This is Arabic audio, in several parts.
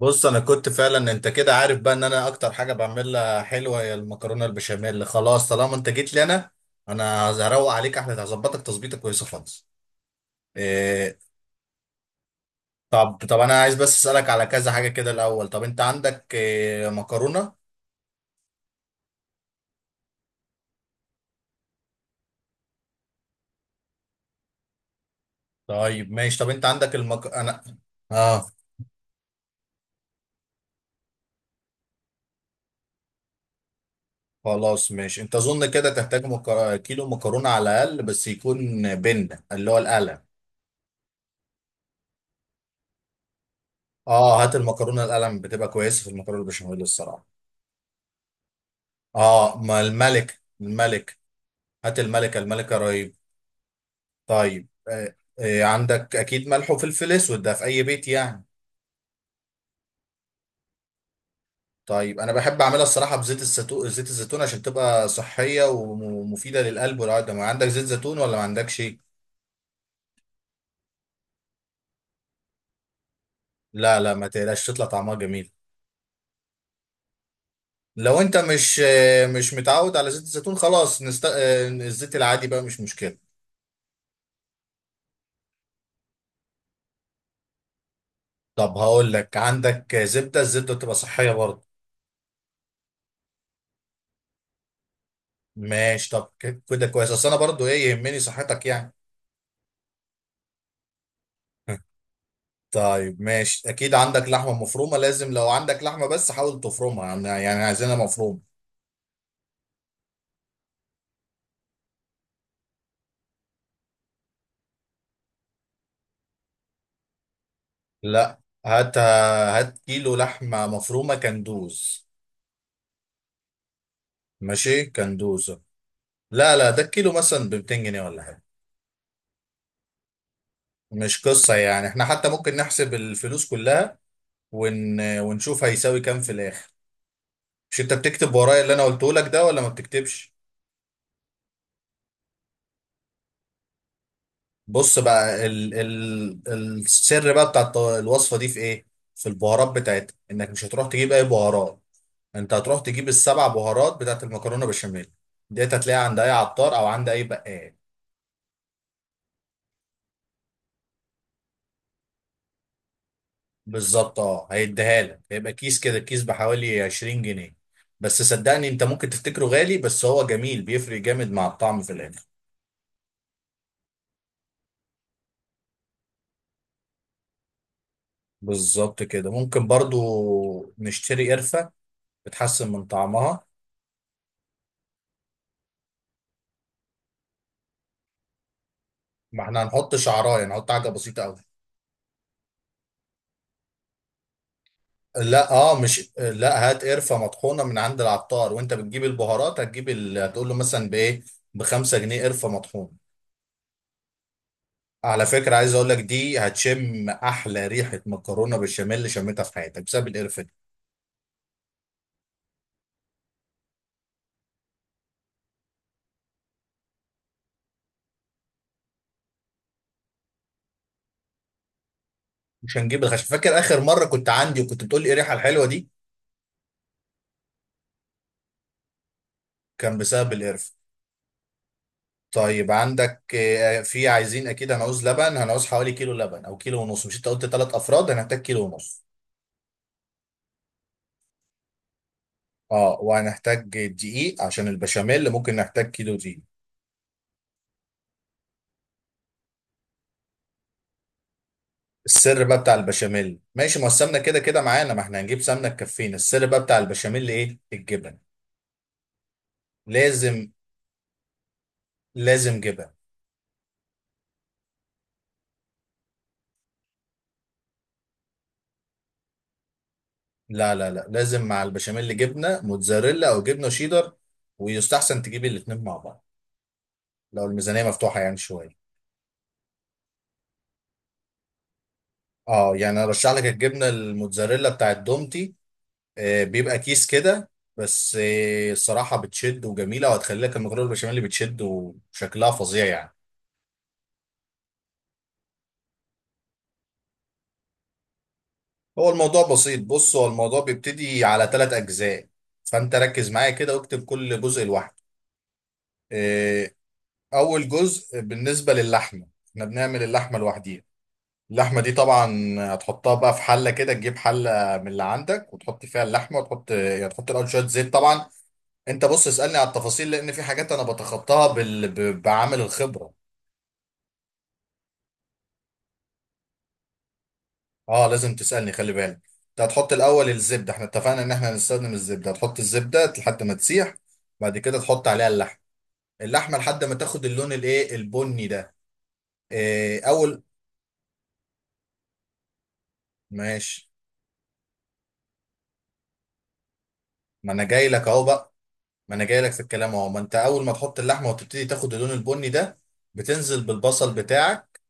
بص انا كنت فعلا، انت كده عارف بقى ان انا اكتر حاجه بعملها حلوه هي المكرونه البشاميل. خلاص طالما انت جيت لي، انا هروق عليك احلى، هظبطك تظبيطه كويسه خالص. إيه؟ طب انا عايز بس اسالك على كذا حاجه كده الاول. طب انت عندك إيه مكرونه؟ طيب ماشي. طب انت عندك المك انا. اه خلاص ماشي. انت اظن كده تحتاج كيلو مكرونه على الاقل، بس يكون بن اللي هو القلم. اه هات المكرونه القلم بتبقى كويسه في المكرونه البشاميل الصراحه. اه ما الملك، الملك. هات الملكة، الملكة رهيب. طيب آه آه، عندك اكيد ملح وفلفل اسود، ده في اي بيت يعني. طيب انا بحب اعملها الصراحة بزيت الزيتون، زيت الزيتون عشان تبقى صحية ومفيدة للقلب والعظم. عندك زيت زيتون ولا ما عندكش؟ لا لا، ما تقلقش، تطلع طعمها جميل. لو انت مش آه مش متعود على زيت الزيتون، خلاص نست... آه الزيت العادي بقى مش مشكلة. طب هقول لك، عندك زبدة؟ الزبدة بتبقى صحية برضه. ماشي، طب كده كويس، اصل انا برضه ايه يهمني صحتك يعني. طيب ماشي، اكيد عندك لحمه مفرومه؟ لازم، لو عندك لحمه بس حاول تفرمها، يعني يعني عايزينها مفرومه. لا، هات هات كيلو لحمه مفرومه كندوز. ماشي كندوزه. لا لا، ده الكيلو مثلا ب 200 جنيه ولا حاجه. مش قصه يعني، احنا حتى ممكن نحسب الفلوس كلها ونشوف هيساوي كام في الاخر. مش انت بتكتب ورايا اللي انا قلته لك ده ولا ما بتكتبش؟ بص بقى السر بقى بتاع الوصفه دي في ايه؟ في البهارات بتاعتها، انك مش هتروح تجيب اي بهارات، انت هتروح تجيب ال 7 بهارات بتاعت المكرونه بشاميل، ديت هتلاقيها عند اي عطار او عند اي بقال. بالظبط اه، هيديها لك، هيبقى كيس كده الكيس بحوالي 20 جنيه. بس صدقني، انت ممكن تفتكره غالي بس هو جميل بيفرق جامد مع الطعم في الاخر. بالظبط كده ممكن برضو نشتري قرفه، بتحسن من طعمها. ما احنا هنحط شعرايه، نحط حاجه بسيطه قوي. لا اه، مش لا، هات قرفه مطحونه من عند العطار، وانت بتجيب البهارات هتجيب هتقول له مثلا بايه، ب 5 جنيه قرفه مطحونه. على فكرة عايز اقول لك، دي هتشم احلى ريحة مكرونة بالبشاميل اللي شميتها في حياتك بسبب القرفة دي. مش هنجيب الخشب. فاكر اخر مرة كنت عندي وكنت بتقول لي ايه الريحة الحلوة دي؟ كان بسبب القرفة. طيب عندك آه، في، عايزين اكيد هنعوز لبن، هنعوز حوالي كيلو لبن او كيلو ونص، مش انت قلت 3 افراد؟ هنحتاج كيلو ونص. اه وهنحتاج دقيق عشان البشاميل، ممكن نحتاج كيلو دقيق. السر بقى بتاع البشاميل، ماشي ما السمنة كده كده معانا، ما احنا هنجيب سمنة تكفينا. السر بقى بتاع البشاميل ايه؟ الجبن. لازم، لازم جبن. لا لا لا، لازم مع البشاميل جبنه موتزاريلا او جبنه شيدر، ويستحسن تجيب الاثنين مع بعض لو الميزانيه مفتوحه يعني شويه. اه يعني ارشح لك الجبنه الموتزاريلا بتاعت دومتي، آه بيبقى كيس كده. بس آه الصراحه بتشد وجميله، وهتخلي لك المكرونه البشاميل اللي بتشد وشكلها فظيع يعني. هو الموضوع بسيط، بص، هو الموضوع بيبتدي على 3 اجزاء، فانت ركز معايا كده واكتب كل جزء لوحده. آه، اول جزء بالنسبه للحمه، احنا بنعمل اللحمه لوحديها. اللحمة دي طبعا هتحطها بقى في حلة كده، تجيب حلة من اللي عندك وتحط فيها اللحمة، وتحط يعني تحط الأول شوية زيت طبعا. أنت بص اسألني على التفاصيل، لأن في حاجات أنا بتخطاها بعامل الخبرة. أه لازم تسألني، خلي بالك. أنت هتحط الأول الزبدة، إحنا اتفقنا إن إحنا هنستخدم الزبدة، هتحط الزبدة لحد ما تسيح. بعد كده تحط عليها اللحمة، اللحمة لحد ما تاخد اللون الإيه البني ده. إيه أول. ماشي، ما أنا جاي لك أهو بقى، ما انا جاي لك في الكلام اهو. ما انت اول ما تحط اللحمه وتبتدي تاخد اللون البني ده، بتنزل بالبصل بتاعك.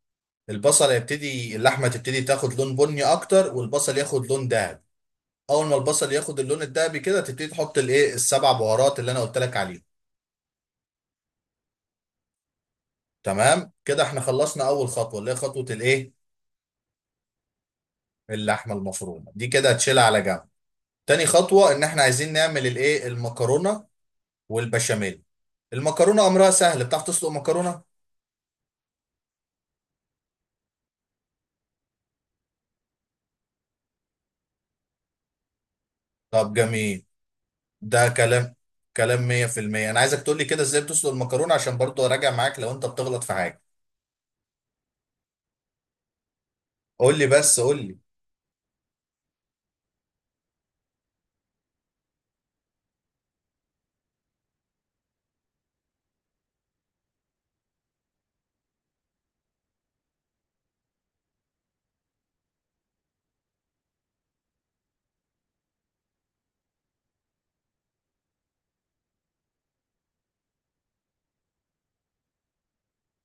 البصل هيبتدي، اللحمه تبتدي تاخد لون بني اكتر، والبصل ياخد لون دهبي. اول ما البصل ياخد اللون الدهبي كده، تبتدي تحط الايه ال 7 بهارات اللي انا قلت لك عليهم. تمام كده احنا خلصنا اول خطوه، اللي هي خطوه الايه، اللحمه المفرومه دي كده هتشيلها على جنب. تاني خطوه ان احنا عايزين نعمل الايه المكرونه والبشاميل. المكرونه امرها سهل، بتعرف تسلق مكرونه. طب جميل، ده كلام، كلام 100%. انا عايزك تقول لي كده ازاي بتسلق المكرونه، عشان برضو اراجع معاك لو انت بتغلط في حاجه. قول لي بس، قول لي.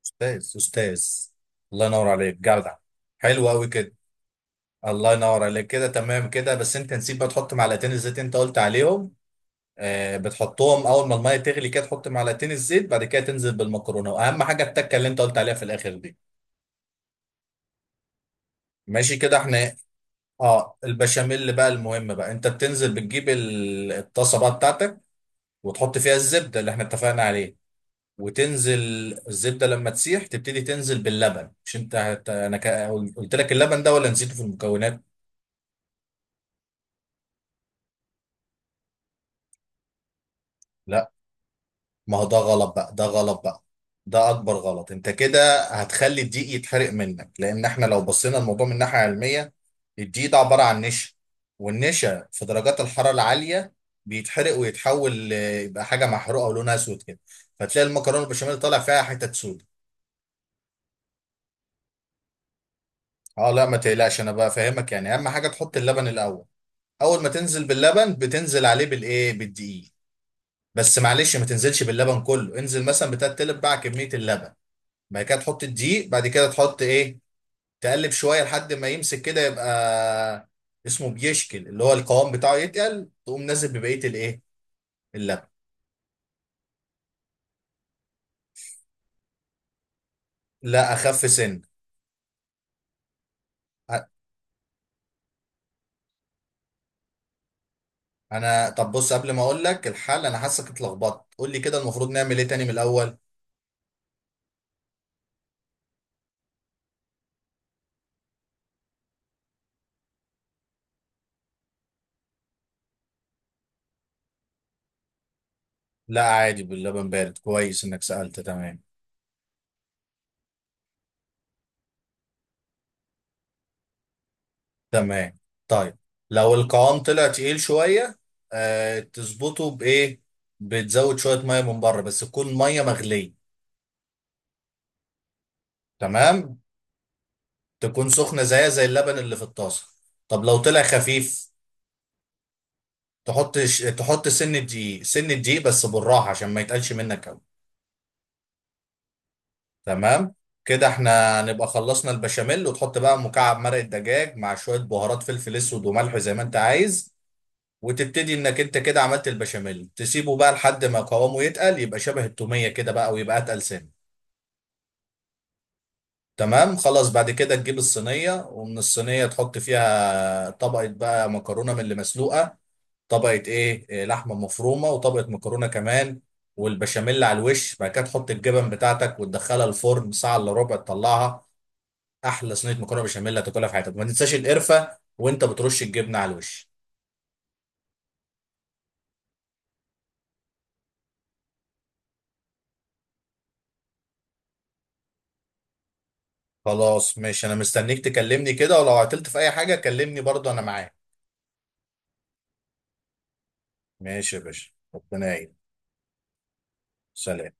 استاذ، استاذ. الله ينور عليك جدع. حلو قوي كده. الله ينور عليك، كده تمام كده، بس انت نسيت بقى تحط معلقتين الزيت انت قلت عليهم. آه بتحطهم اول ما الميه تغلي كده، تحط معلقتين الزيت، بعد كده تنزل بالمكرونه، واهم حاجه التكه اللي انت قلت عليها في الاخر دي. ماشي كده، احنا إيه؟ اه البشاميل بقى، المهم بقى انت بتنزل، بتجيب الطاسه بقى بتاعتك، وتحط فيها الزبدة اللي احنا اتفقنا عليه، وتنزل. الزبدة لما تسيح تبتدي تنزل باللبن، مش انت قلت لك اللبن ده ولا نسيته في المكونات؟ لا. ما هو ده غلط بقى، ده غلط بقى. ده اكبر غلط، انت كده هتخلي الدقيق يتحرق منك، لان احنا لو بصينا الموضوع من ناحية علمية، الدقيق ده عبارة عن نشا، والنشا في درجات الحرارة العالية بيتحرق ويتحول يبقى حاجة محروقة ولونها اسود كده، فتلاقي المكرونة البشاميل طالع فيها حتت سود. اه لا، ما تقلقش انا بقى فاهمك يعني. اهم حاجه تحط اللبن الاول. اول ما تنزل باللبن بتنزل عليه بالايه بالدقيق. بس معلش، ما تنزلش باللبن كله، انزل مثلا بتلات تلت باع كميه اللبن، بعد كده تحط الدقيق، بعد كده تحط ايه، تقلب شويه لحد ما يمسك كده، يبقى اسمه بيشكل اللي هو القوام بتاعه، يتقل تقوم نازل ببقيه الايه اللبن. لا اخف سن. أ- انا طب بص، قبل ما اقول لك الحل، انا حاسك اتلخبطت، قول لي كده المفروض نعمل ايه تاني من الاول. لا عادي باللبن بارد، كويس انك سألت. تمام. تمام. طيب، لو القوام طلع تقيل شوية، آه تظبطه بإيه؟ بتزود شوية مية من بره، بس تكون مية مغلية. تمام؟ تكون سخنة زيها زي اللبن اللي في الطاسة. طب لو طلع خفيف، تحط سن دقيق، سن دقيق بس بالراحة عشان ما يتقلش منك أوي. تمام؟ كده احنا نبقى خلصنا البشاميل، وتحط بقى مكعب مرق الدجاج مع شوية بهارات، فلفل اسود وملح زي ما انت عايز، وتبتدي انك انت كده عملت البشاميل، تسيبه بقى لحد ما قوامه يتقل، يبقى شبه التومية كده بقى، ويبقى اتقل سنة. تمام خلاص. بعد كده تجيب الصينية ومن الصينية تحط فيها طبقة بقى مكرونة من اللي مسلوقة، طبقة ايه إيه، لحمة مفرومة، وطبقة مكرونة كمان، والبشاميل على الوش، بعد كده تحط الجبن بتاعتك وتدخلها الفرن ساعة الا ربع تطلعها. احلى صينية مكرونة بشاميل هتاكلها في حياتك، ما تنساش القرفة وانت بترش الجبنة على الوش. خلاص ماشي، انا مستنيك تكلمني كده، ولو عطلت في اي حاجة كلمني برضه انا معاك. ماشي يا باشا، ربنا يعين. سلام.